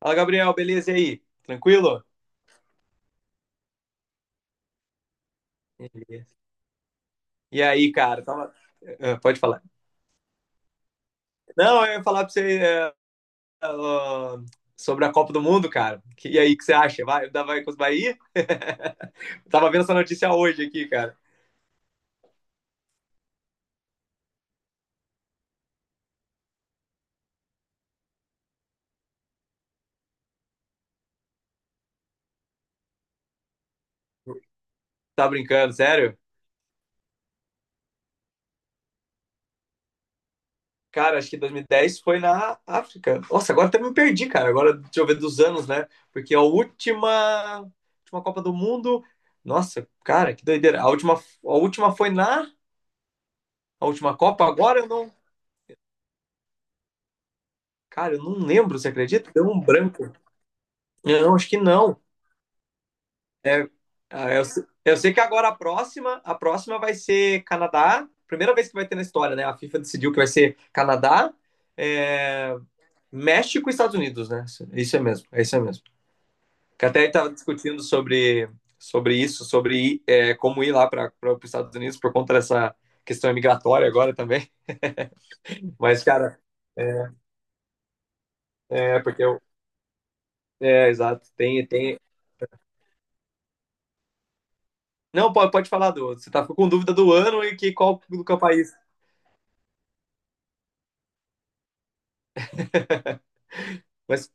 Fala, Gabriel, beleza? E aí? Tranquilo? Beleza. E aí, cara? Tava. Ah, pode falar. Não, eu ia falar pra você ah, sobre a Copa do Mundo, cara. E aí, o que você acha? Vai com os Bahia? Tava vendo essa notícia hoje aqui, cara. Tá brincando, sério? Cara, acho que 2010 foi na África. Nossa, agora até me perdi, cara. Agora, deixa eu ver dos anos, né? Porque a última Copa do Mundo. Nossa, cara, que doideira. A última foi na. A última Copa agora eu não. Cara, eu não lembro, você acredita? Deu um branco. Não, acho que não. Ah, Eu, se- eu sei que agora a próxima vai ser Canadá. Primeira vez que vai ter na história, né? A FIFA decidiu que vai ser Canadá, é, México e Estados Unidos, né? Isso é mesmo, é isso é mesmo. Que até estava discutindo sobre isso, sobre ir, como ir lá para os Estados Unidos por conta dessa questão migratória agora também. Mas, cara, é porque eu. É, exato. Tem, Não, pode falar do outro. Você tá ficou com dúvida do ano e que, qual do que é país. Mas.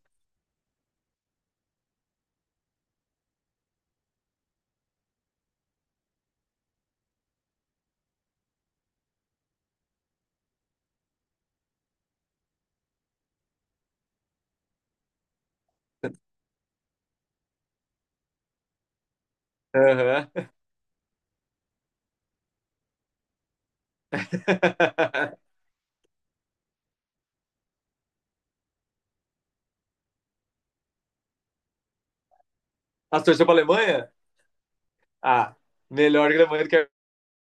Aham. Ah, você torceu pra Alemanha? Ah, melhor Alemanha do que a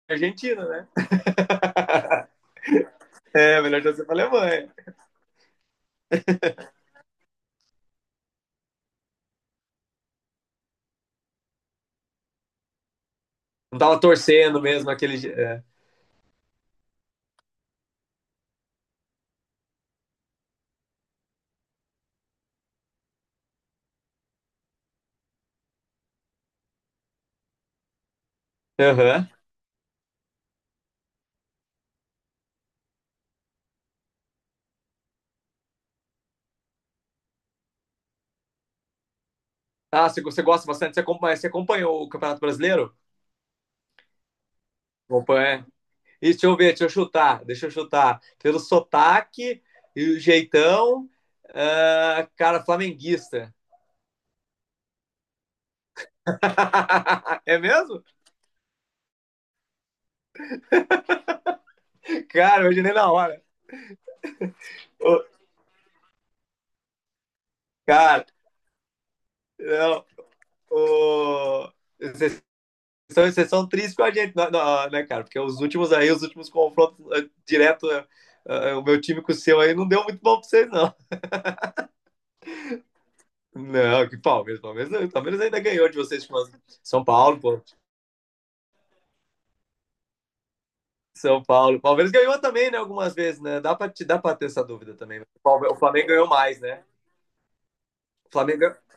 Argentina, né? É, melhor torcer pra Alemanha. Não tava torcendo mesmo aquele dia. É. Aham. Ah, você gosta bastante? Você acompanha, você acompanhou o Campeonato Brasileiro? Acompanha. E deixa eu ver, deixa eu chutar. Pelo sotaque e o jeitão, ah, cara, flamenguista. É mesmo? Cara, hoje nem na hora. Ô, cara, não. Ô, Vocês vocês são tristes com a gente, não, não, né, cara? Porque os últimos confrontos, direto, o meu time com o seu aí não deu muito bom pra vocês, não. Não, que Palmeiras, Palmeiras, não, Palmeiras ainda ganhou de vocês com São Paulo, pô. São Paulo. Palmeiras ganhou também, né, algumas vezes, né? Dá pra ter essa dúvida também. O Flamengo ganhou mais, né? O Flamengo ganhou.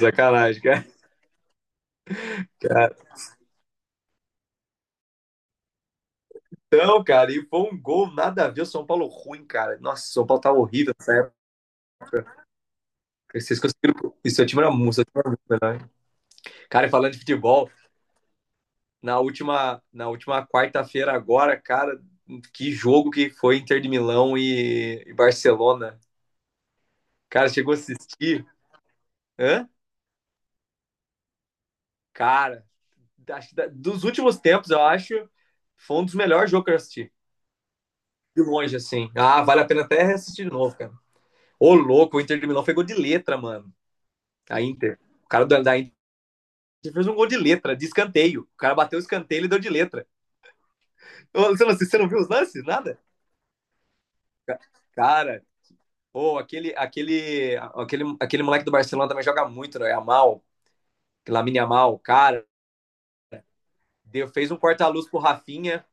Sacanagem, cara. Então, cara, e foi um gol nada a ver. O São Paulo ruim, cara. Nossa, o São Paulo tava horrível nessa época. Vocês conseguiram. E seu time era muito melhor, hein? Cara, e falando de futebol, na última quarta-feira agora, cara, que jogo que foi Inter de Milão e Barcelona. Cara, chegou a assistir. Hã? Cara, acho que dos últimos tempos, eu acho, foi um dos melhores jogos que eu assisti. De longe, assim. Ah, vale a pena até assistir de novo, cara. Ô, louco, o Inter de Milão pegou de letra, mano. A Inter. O cara da Inter. Ele fez um gol de letra, de escanteio. O cara bateu o escanteio e deu de letra. Ô, Luciano, você não viu os lances? Nada? Cara, aquele moleque do Barcelona também joga muito, né? Lamine Amal, cara. Fez um corta-luz pro Rafinha,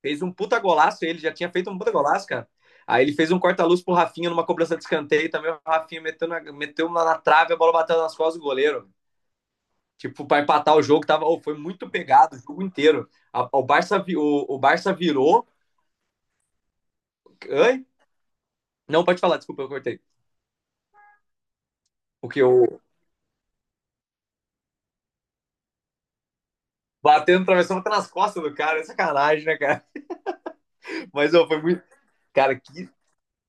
fez um puta golaço, ele já tinha feito um puta golaço, cara. Aí ele fez um corta-luz pro Rafinha numa cobrança de escanteio, também o Rafinha meteu na trave, a bola bateu nas costas do goleiro. Tipo, para empatar o jogo, tava, foi muito pegado o jogo inteiro. O Barça virou. Não, pode falar, desculpa, eu cortei. Porque eu batendo, travessão, até nas costas do cara. É sacanagem, né, cara? Mas, ó, foi muito. Cara, que.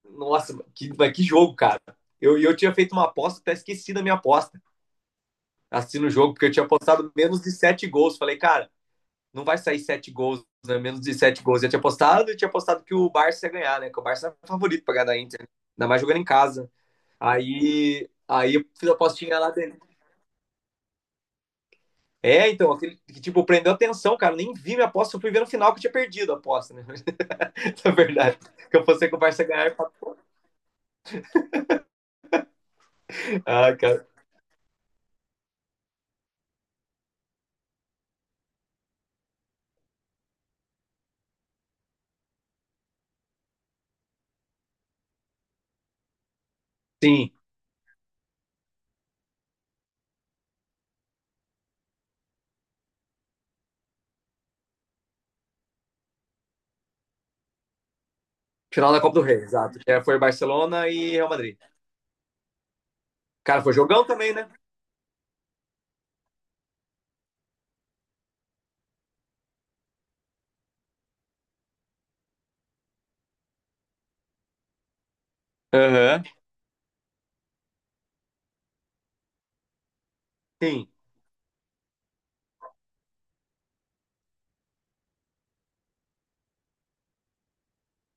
Nossa, mas que jogo, cara. Eu tinha feito uma aposta, até esqueci da minha aposta. Assistindo o jogo, porque eu tinha apostado menos de sete gols. Falei, cara, não vai sair sete gols, né? Menos de sete gols. Eu tinha apostado que o Barça ia ganhar, né? Que o Barça era favorito pra ganhar da Inter. Ainda mais jogando em casa. Aí eu fiz a apostinha lá. É, então, aquele que, tipo, prendeu atenção, cara. Nem vi minha aposta, eu fui ver no final que eu tinha perdido a aposta, né? Na verdade. Que eu pensei que o Barça ia ganhar. Ah, cara. Sim, final da Copa do Rei, exato. É, foi Barcelona e Real Madrid. Cara, foi jogão também, né? Aham. Sim.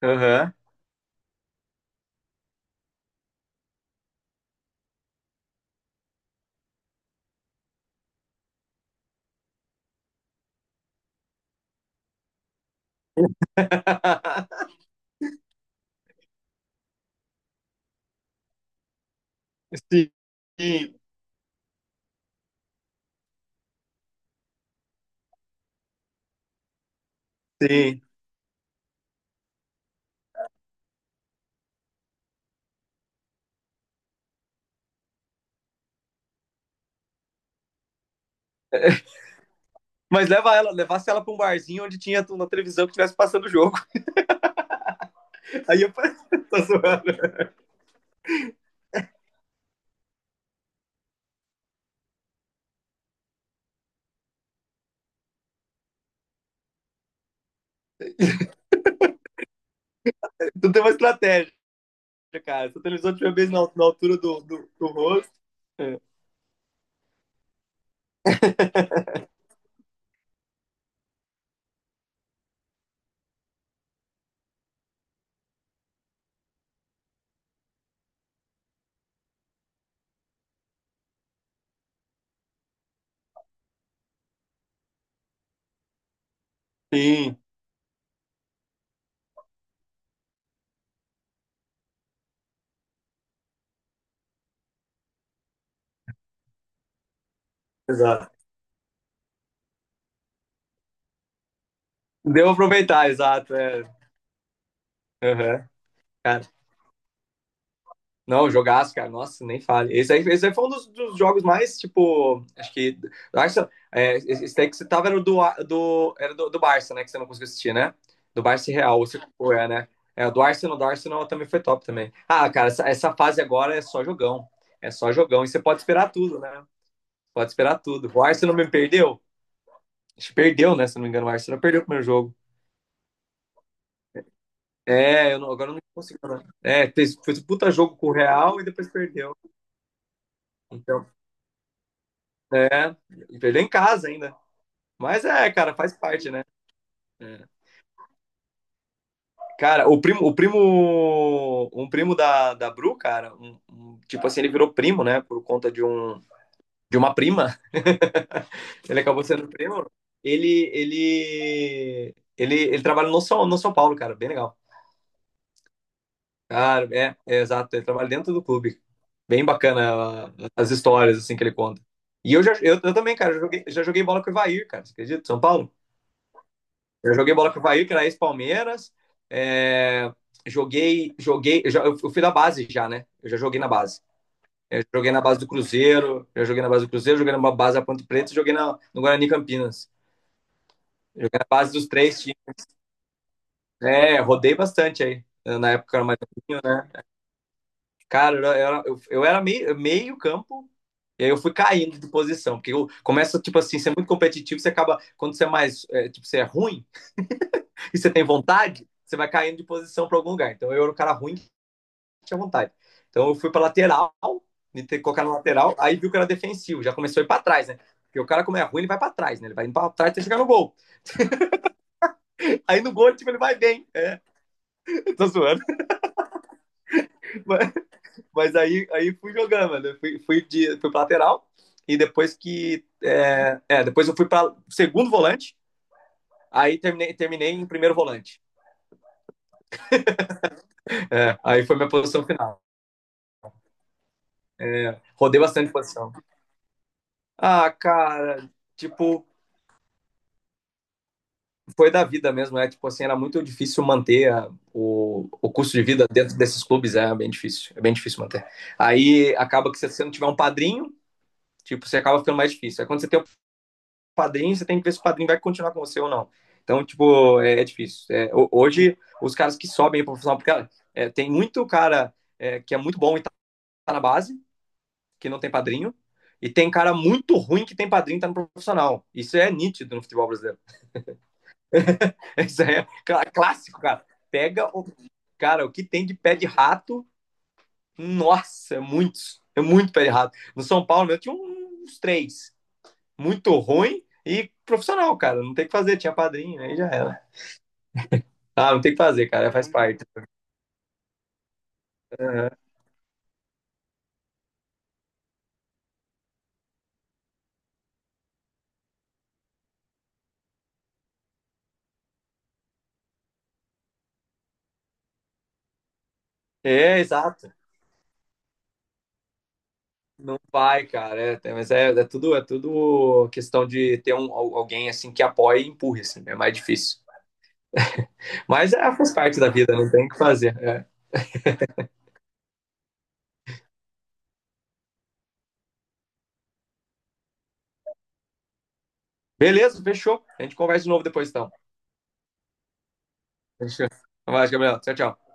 Aham. Sim, sim. Sim. Mas leva ela, levasse ela pra um barzinho onde tinha uma televisão que estivesse passando o jogo. Aí eu falei, tô zoando. Tu tem uma estratégia, cara. Se a televisão tiver bem na altura do rosto. É. Sim, exato. Deu pra aproveitar, exato. É. Aham. Cara, não, jogaço, cara. Nossa, nem fale. Esse aí foi um dos jogos mais, tipo, acho que. Barça, esse daí que você tava era o do Barça, né? Que você não conseguiu assistir, né? Do Barça e Real, você foi, é, né? É, o do Arsenal também foi top também. Ah, cara, essa fase agora é só jogão. É só jogão. E você pode esperar tudo, né? Pode esperar tudo. O Arsenal me perdeu? Acho que perdeu, né? Se eu não me engano, o Arsenal perdeu o primeiro jogo. É, eu não- agora eu não consigo lembrar. É, fez um puta jogo com o Real e depois perdeu. Então, é, e perdeu em casa ainda. Mas é, cara, faz parte, né? É. Cara, um primo da Bru, cara, tipo assim, ele virou primo, né? Por conta de uma prima. Ele acabou sendo primo. Ele trabalha no São Paulo, cara, bem legal. Cara, é exato. Ele trabalha dentro do clube. Bem bacana, as histórias assim que ele conta. E eu também, cara, já joguei bola com o Ivair, cara. Você acredita? São Paulo? Eu joguei bola com o Ivair, que era ex-Palmeiras. É, joguei. Eu fui da base já, né? Eu já joguei na base. Eu joguei na base do Cruzeiro, já joguei na base do Cruzeiro, joguei na base da Ponte Preta, joguei no Guarani Campinas. Joguei na base dos três times. É, rodei bastante aí. Na época eu era mais novinho, né? Cara, eu era meio, meio campo, e aí eu fui caindo de posição, porque eu começa, tipo assim, ser muito competitivo, você acaba, quando você é mais, tipo, você é ruim e você tem vontade, você vai caindo de posição para algum lugar. Então eu era um cara ruim que tinha vontade. Então eu fui para lateral, colocar na lateral, aí viu que era defensivo, já começou a ir para trás, né? Porque o cara, como é ruim, ele vai para trás, né? Ele vai indo pra trás até chegar no gol. Aí no gol, tipo, ele vai bem. Tô zoando. Mas aí fui jogando, mano. Eu fui pra lateral. E depois que. Depois eu fui pra segundo volante. Aí terminei em primeiro volante. É, aí foi minha posição final. É, rodei bastante posição. Ah, cara, tipo, foi da vida mesmo. É tipo assim, era muito difícil manter o custo de vida dentro desses clubes. É bem difícil. É bem difícil manter. Aí acaba que se você não tiver um padrinho, tipo, você acaba ficando mais difícil. Aí quando você tem padrinho, você tem que ver se o padrinho vai continuar com você ou não. Então, tipo, é difícil. É, hoje, os caras que sobem para profissional, porque tem muito cara, que é muito bom e tá na base, que não tem padrinho, e tem cara muito ruim que tem padrinho e tá no profissional. Isso é nítido no futebol brasileiro. Isso é clássico, cara. Pega o. Cara, o que tem de pé de rato, nossa, é muitos. É muito pé de rato. No São Paulo, eu tinha uns três. Muito ruim e profissional, cara. Não tem o que fazer, tinha padrinho, aí já era. Ah, não tem o que fazer, cara, faz parte. Aham. É, exato. Não vai, cara. É, mas é tudo questão de ter alguém assim que apoie e empurre, assim, é mais difícil. Mas é, faz parte da vida, não tem o que fazer. É. Beleza, fechou. A gente conversa de novo depois, então. Fechou. Vai, Gabriel. Tchau, tchau.